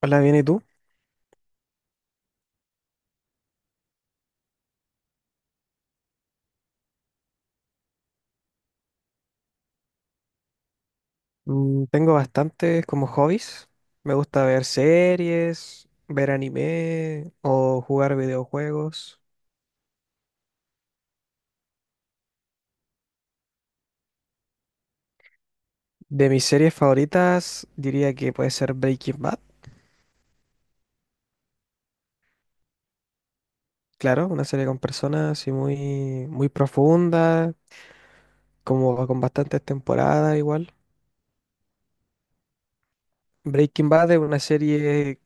Hola, bien, ¿y tú? Tengo bastantes como hobbies. Me gusta ver series, ver anime o jugar videojuegos. De mis series favoritas diría que puede ser Breaking Bad. Claro, una serie con personas así muy, muy profunda, como con bastantes temporadas igual. Breaking Bad es una serie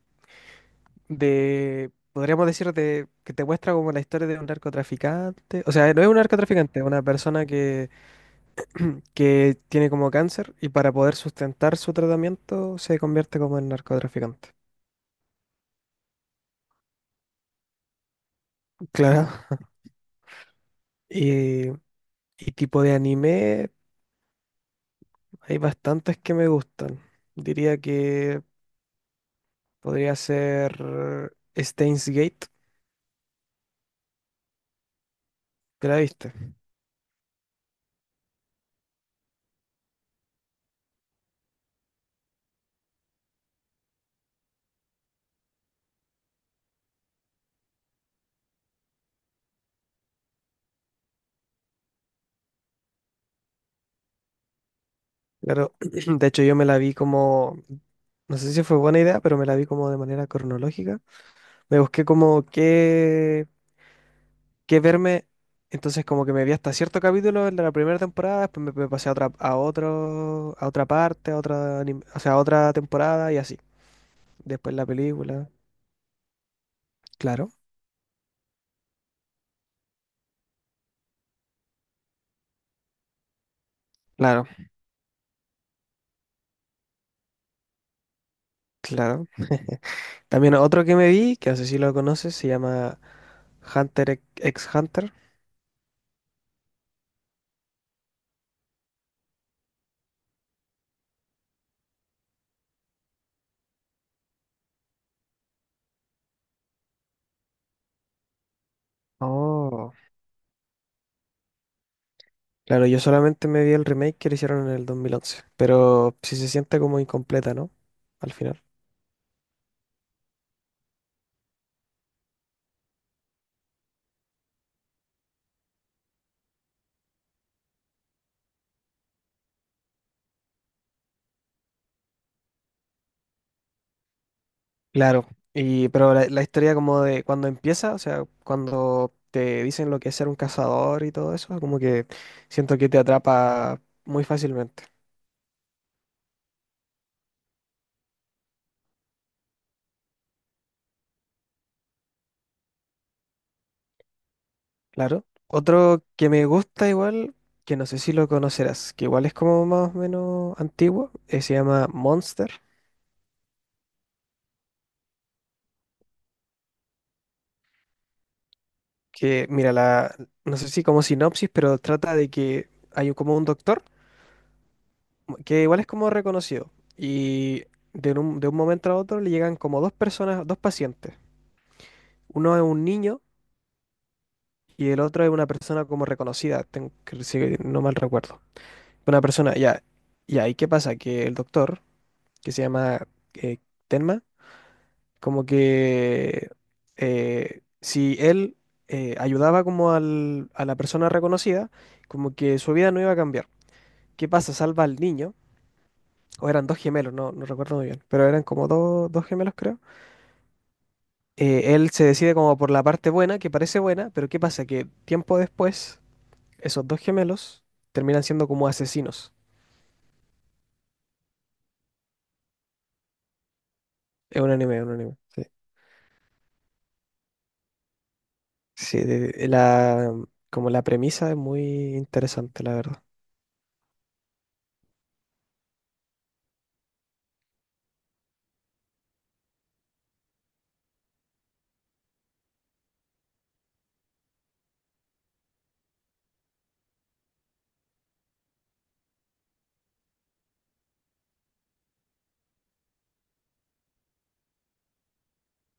de, podríamos decir, de, que te muestra como la historia de un narcotraficante. O sea, no es un narcotraficante, es una persona que que tiene como cáncer y para poder sustentar su tratamiento se convierte como en narcotraficante. Claro. Y, y tipo de anime, hay bastantes que me gustan. Diría que podría ser Steins Gate, ¿te la viste? Claro, de hecho yo me la vi como, no sé si fue buena idea, pero me la vi como de manera cronológica. Me busqué como qué verme. Entonces como que me vi hasta cierto capítulo el de la primera temporada, después me pasé a otra, a otro, a otra parte, a otra, o sea, a otra temporada y así. Después la película. Claro, claro, claro. También otro que me vi, que no sé si lo conoces, se llama Hunter ex ex Hunter. Oh. Claro, yo solamente me vi el remake que le hicieron en el 2011, pero sí se siente como incompleta, ¿no? Al final. Claro, y pero la historia como de cuando empieza, o sea, cuando te dicen lo que es ser un cazador y todo eso, como que siento que te atrapa muy fácilmente. Claro. Otro que me gusta igual, que no sé si lo conocerás, que igual es como más o menos antiguo, se llama Monster, que mira, no sé si como sinopsis, pero trata de que hay como un doctor, que igual es como reconocido, y de un momento a otro le llegan como dos personas, dos pacientes. Uno es un niño y el otro es una persona como reconocida, tengo que, si no mal recuerdo. Una persona, ya. Y ahí, ¿qué pasa? Que el doctor, que se llama eh, Tenma, como que si él ayudaba como a la persona reconocida, como que su vida no iba a cambiar. ¿Qué pasa? Salva al niño, o eran dos gemelos, no recuerdo muy bien, pero eran como dos gemelos, creo, él se decide como por la parte buena, que parece buena, pero ¿qué pasa? Que tiempo después esos dos gemelos terminan siendo como asesinos. Es un anime, es un anime. Sí, sí, la, como la premisa es muy interesante, la verdad.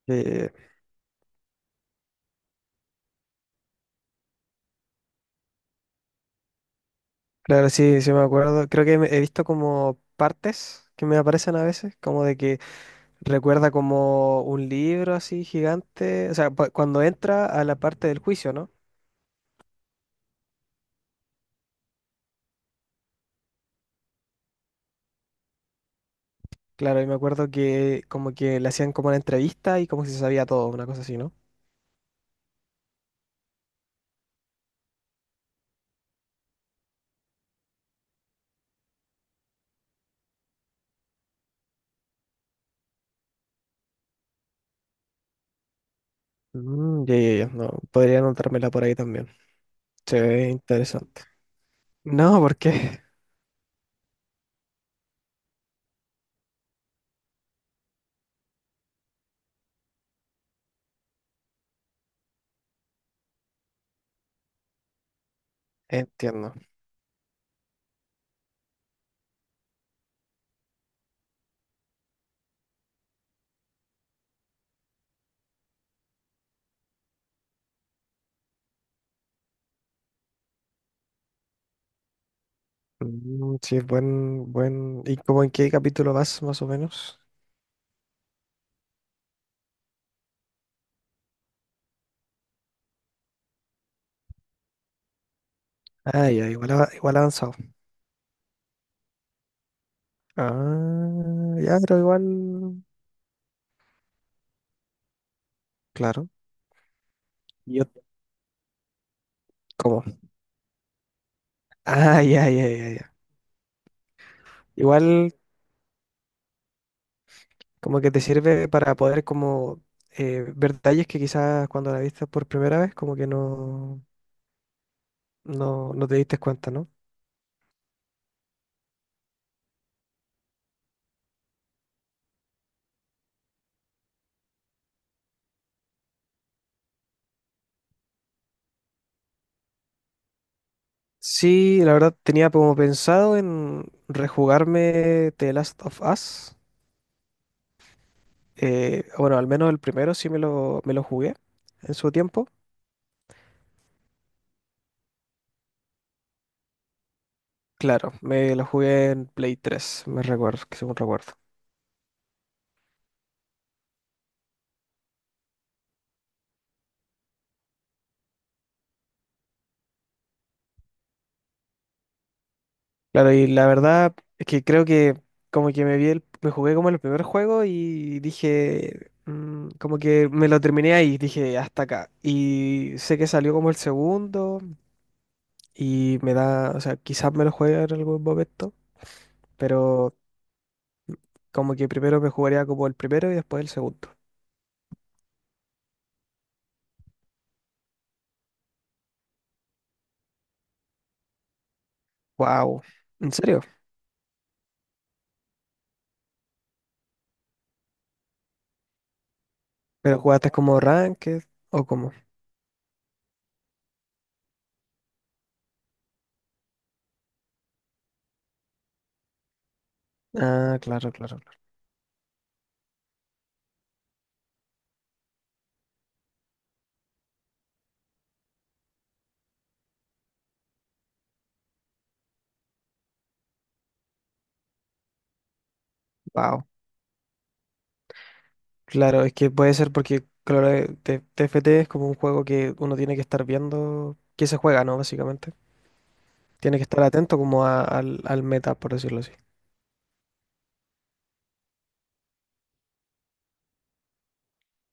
Eh, claro, sí, sí me acuerdo. Creo que he visto como partes que me aparecen a veces, como de que recuerda como un libro así gigante, o sea, cuando entra a la parte del juicio, ¿no? Claro, y me acuerdo que como que le hacían como una entrevista y como si se sabía todo, una cosa así, ¿no? Ya, ya, ya, no, podría anotármela por ahí también. Se ve interesante. No, ¿por qué? Entiendo. Mm, sí, buen, buen. ¿Y cómo en qué capítulo vas, más o menos? Ah, ya, igual avanzado. Ah, ya, pero igual. Claro. Yo, ¿cómo? Ah, ya, ya, ya, ya. Igual, como que te sirve para poder, como, ver detalles que quizás cuando la viste por primera vez, como que no te diste cuenta, ¿no? Sí, la verdad tenía como pensado en rejugarme The Last of Us. Bueno, al menos el primero sí me lo jugué en su tiempo. Claro, me lo jugué en Play 3, me recuerdo, que según recuerdo. Claro, y la verdad es que creo que como que me jugué como el primer juego y dije, como que me lo terminé ahí, dije, hasta acá. Y sé que salió como el segundo y me da, o sea, quizás me lo juegue en algún momento, pero como que primero me jugaría como el primero y después el segundo. Wow, ¿en serio? ¿Pero jugaste como ranked o como? Ah, claro, claro, claro. Wow. Claro, es que puede ser porque, claro, TFT es como un juego que uno tiene que estar viendo qué se juega, ¿no? Básicamente. Tiene que estar atento como al meta, por decirlo así.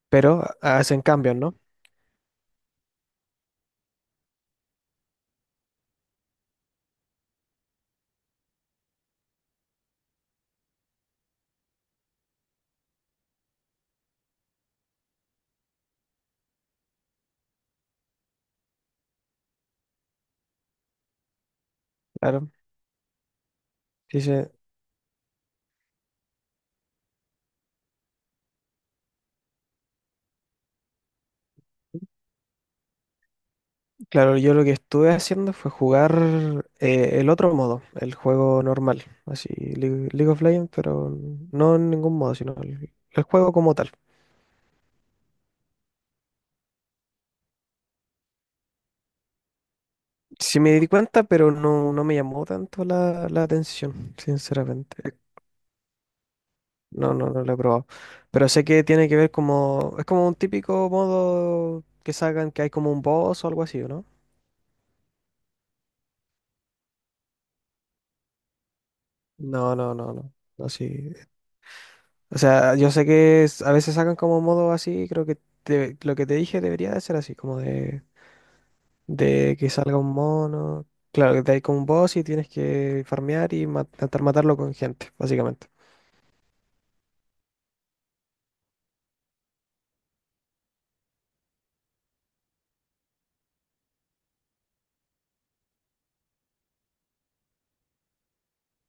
Pero hacen cambios, ¿no? Claro. Dice, claro, yo lo que estuve haciendo fue jugar el otro modo, el juego normal, así, League of Legends, pero no en ningún modo, sino el juego como tal. Sí me di cuenta, pero no, no, me llamó tanto la atención, sinceramente. No, no, no lo he probado. Pero sé que tiene que ver como... Es como un típico modo que sacan que hay como un boss o algo así, ¿o no? No, no, no, no. No, sí. O sea, yo sé que a veces sacan como modo así, creo que lo que te dije debería de ser así, como de que salga un mono. Claro, que te hay como un boss y tienes que farmear y intentar matarlo con gente, básicamente.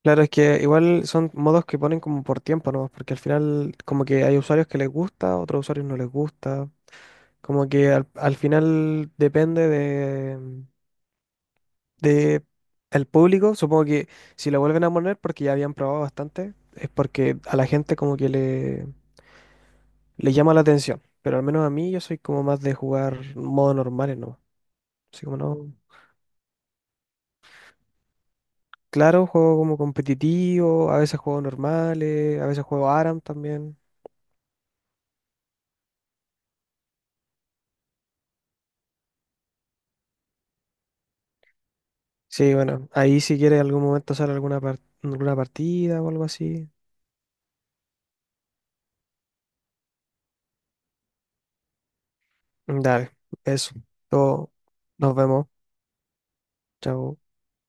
Claro, es que igual son modos que ponen como por tiempo, ¿no? Porque al final como que hay usuarios que les gusta, otros usuarios no les gusta. Como que al final depende de el público. Supongo que si lo vuelven a poner, porque ya habían probado bastante, es porque a la gente como que le llama la atención. Pero al menos a mí yo soy como más de jugar modos normales, ¿no? Así como no. Claro, juego como competitivo, a veces juego normales, a veces juego ARAM también. Sí, bueno, ahí si quieres algún momento hacer alguna partida o algo así, dale, eso. Todo, nos vemos. Chao.